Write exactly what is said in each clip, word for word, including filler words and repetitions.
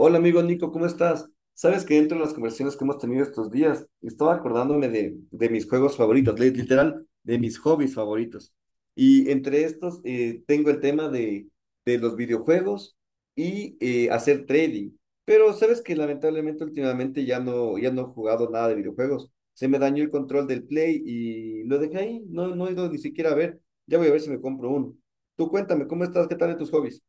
Hola amigo Nico, ¿cómo estás? Sabes que dentro de las conversaciones que hemos tenido estos días, estaba acordándome de, de mis juegos favoritos, li- literal, de mis hobbies favoritos. Y entre estos eh, tengo el tema de, de los videojuegos y eh, hacer trading. Pero sabes que lamentablemente últimamente ya no, ya no he jugado nada de videojuegos. Se me dañó el control del Play y lo dejé ahí, no, no he ido ni siquiera a ver. Ya voy a ver si me compro uno. Tú cuéntame, ¿cómo estás? ¿Qué tal de tus hobbies?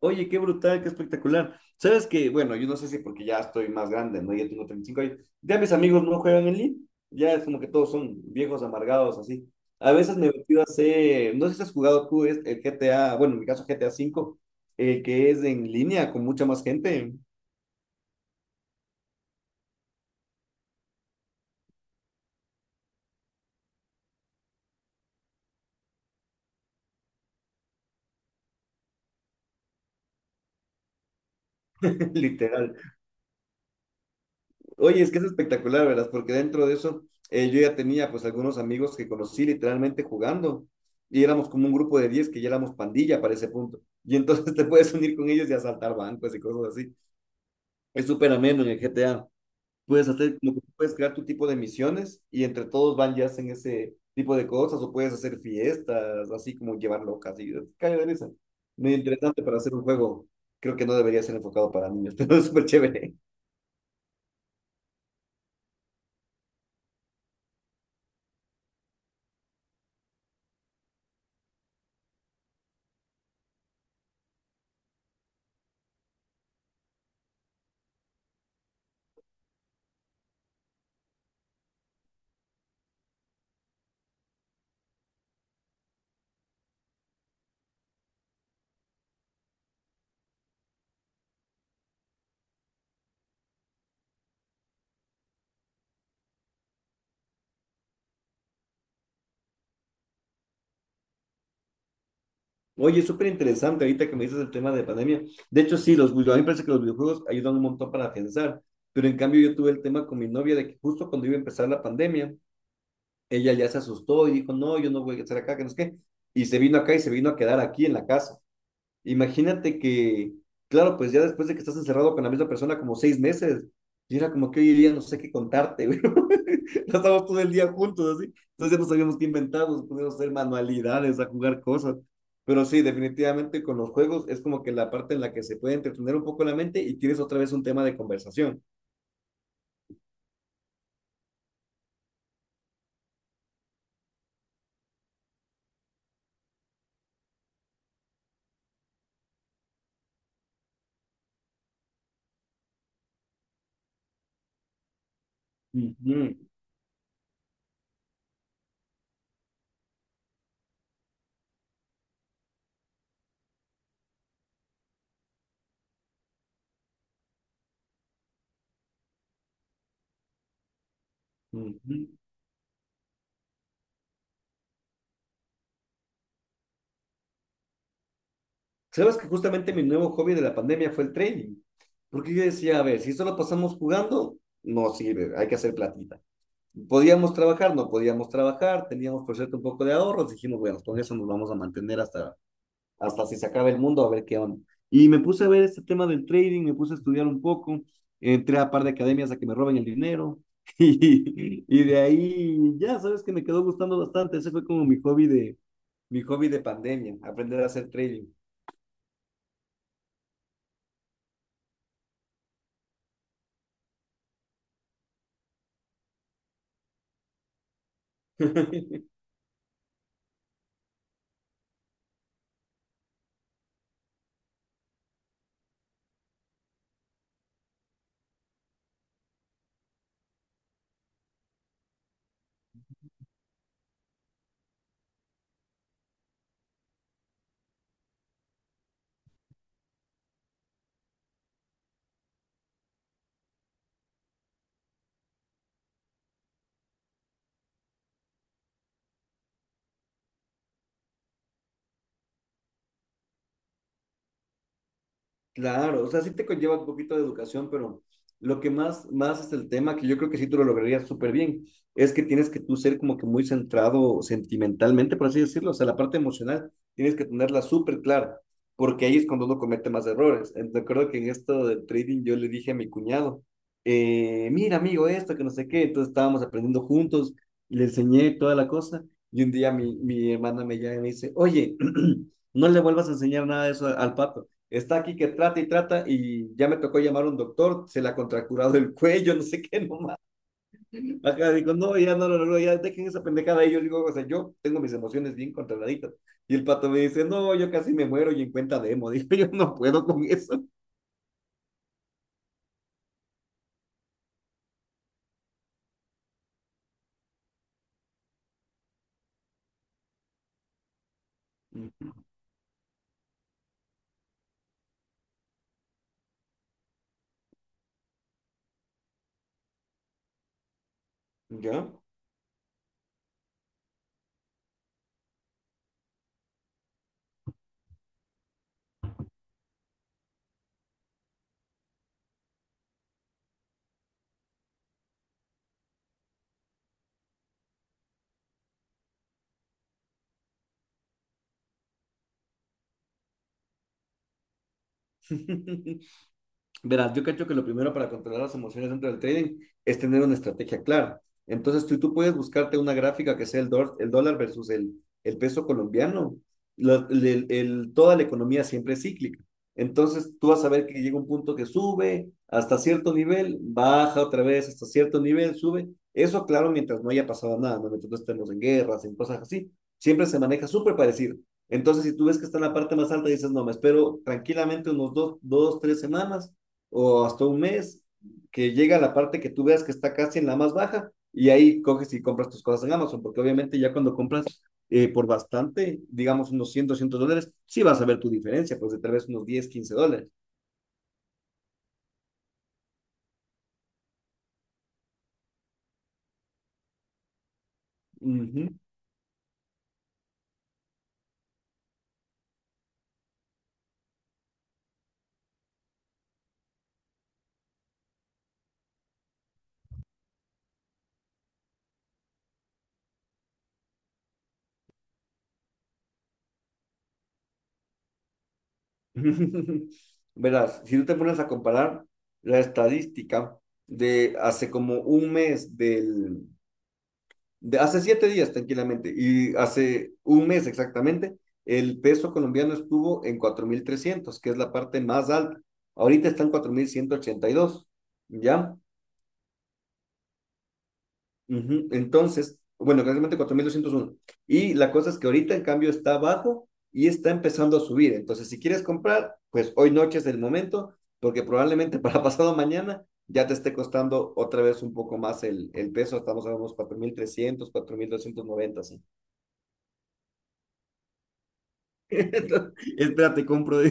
Oye, qué brutal, qué espectacular. Sabes que, bueno, yo no sé si porque ya estoy más grande, ¿no? Ya tengo treinta y cinco años. Ya mis amigos no juegan en línea. Ya es como que todos son viejos amargados, así. A veces me he metido a hacer, no sé si has jugado tú es- el G T A, bueno, en mi caso G T A cinco, eh, que es en línea con mucha más gente. Literal. Oye, es que es espectacular, ¿verdad? Porque dentro de eso eh, yo ya tenía pues algunos amigos que conocí literalmente jugando, y éramos como un grupo de diez que ya éramos pandilla para ese punto. Y entonces te puedes unir con ellos y asaltar bancos y cosas así. Es súper ameno en el G T A. Puedes hacer como que puedes crear tu tipo de misiones y entre todos van y hacen ese tipo de cosas, o puedes hacer fiestas, así como llevar locas y cae de risa. Muy interesante para hacer un juego. Creo que no debería ser enfocado para niños, pero es súper chévere. Oye, súper interesante ahorita que me dices el tema de pandemia. De hecho, sí, los, video- a mí me parece que los videojuegos ayudan un montón para afianzar, pero en cambio yo tuve el tema con mi novia de que justo cuando iba a empezar la pandemia, ella ya se asustó y dijo, no, yo no voy a estar acá, que no es qué, y se vino acá y se vino a quedar aquí en la casa. Imagínate que, claro, pues ya después de que estás encerrado con la misma persona como seis meses, y era como que hoy día no sé qué contarte, güey. Ya estábamos todo el día juntos, así. Entonces ya no sabíamos qué inventar, nos poníamos a hacer manualidades, a jugar cosas. Pero sí, definitivamente con los juegos es como que la parte en la que se puede entretener un poco la mente y tienes otra vez un tema de conversación. Ujú, ujú. Sabes que justamente mi nuevo hobby de la pandemia fue el trading. Porque yo decía, a ver, si solo pasamos jugando, no sirve, hay que hacer platita. Podíamos trabajar, no podíamos trabajar, teníamos por cierto un poco de ahorros, dijimos, bueno, con eso nos vamos a mantener hasta, hasta si se acaba el mundo, a ver qué onda. Y me puse a ver este tema del trading, me puse a estudiar un poco, entré a un par de academias a que me roben el dinero, y, y de ahí ya sabes que me quedó gustando bastante. Ese fue como mi hobby de, mi hobby de pandemia, aprender a hacer trading. Claro, o sea, sí te conlleva un poquito de educación, pero lo que más, más es el tema, que yo creo que sí tú lo lograrías súper bien, es que tienes que tú ser como que muy centrado sentimentalmente, por así decirlo. O sea, la parte emocional tienes que tenerla súper clara, porque ahí es cuando uno comete más errores. Eh, Recuerdo que en esto del trading yo le dije a mi cuñado, eh, mira amigo, esto que no sé qué, entonces estábamos aprendiendo juntos, le enseñé toda la cosa, y un día mi, mi hermana me llama y me dice, oye, no le vuelvas a enseñar nada de eso al al papi. Está aquí que trata y trata y ya me tocó llamar a un doctor, se le ha contracturado el cuello, no sé qué, nomás. Acá digo, no, ya no lo no, no, ya dejen esa pendejada. Y yo digo, o sea, yo tengo mis emociones bien controladitas. Y el pato me dice, no, yo casi me muero y en cuenta demo. Digo, yo no puedo con eso. ¿Ya? Verás, yo creo que lo primero para controlar las emociones dentro del trading es tener una estrategia clara. Entonces, tú, tú puedes buscarte una gráfica que sea el, dor- el dólar versus el, el peso colombiano. La- el- el- toda la economía siempre es cíclica. Entonces, tú vas a ver que llega un punto que sube hasta cierto nivel, baja otra vez hasta cierto nivel, sube. Eso, claro, mientras no haya pasado nada, ¿no? Mientras no estemos en guerras, en cosas así, siempre se maneja súper parecido. Entonces, si tú ves que está en la parte más alta, dices, no, me espero tranquilamente unos dos, dos, tres semanas o hasta un mes, que llega a la parte que tú veas que está casi en la más baja, y ahí coges y compras tus cosas en Amazon, porque obviamente ya cuando compras eh, por bastante, digamos unos cien, doscientos dólares, sí vas a ver tu diferencia, pues de tal vez unos diez quince dólares. Ujú. Verás, si tú te pones a comparar la estadística de hace como un mes del, de hace siete días tranquilamente y hace un mes exactamente, el peso colombiano estuvo en cuatro mil trescientos, que es la parte más alta. Ahorita está en cuatro mil ciento ochenta y dos, ¿ya? Uh -huh. Entonces, bueno, realmente cuatro mil doscientos uno. Y la cosa es que ahorita en cambio está abajo y está empezando a subir. Entonces, si quieres comprar, pues hoy noche es el momento, porque probablemente para pasado mañana ya te esté costando otra vez un poco más el, el peso. Estamos a unos cuatro cuatro mil mil trescientos, cuatro mil doscientos noventa, ¿sí? Espérate, compro.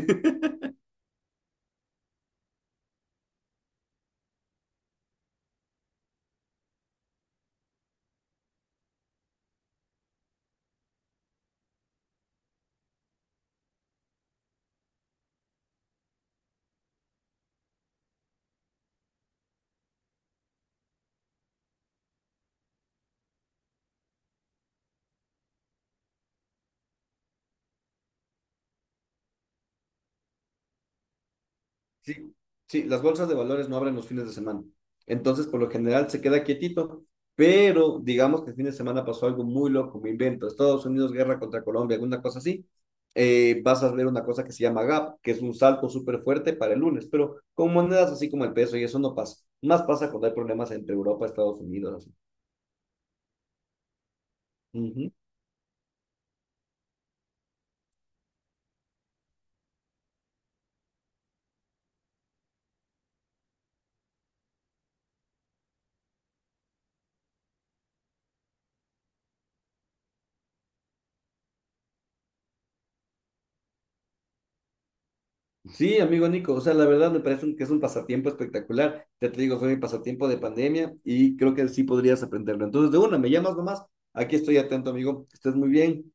Sí, sí, las bolsas de valores no abren los fines de semana. Entonces, por lo general, se queda quietito. Pero digamos que el fin de semana pasó algo muy loco, me invento. Estados Unidos, guerra contra Colombia, alguna cosa así. Eh, vas a ver una cosa que se llama gap, que es un salto súper fuerte para el lunes, pero con monedas así como el peso y eso no pasa. Más pasa cuando hay problemas entre Europa y Estados Unidos, así. Ujú. Sí, amigo Nico, o sea, la verdad me parece un- que es un pasatiempo espectacular. Ya te digo, fue mi pasatiempo de pandemia y creo que sí podrías aprenderlo. Entonces, de una, me llamas nomás. Aquí estoy atento, amigo. Que estés muy bien.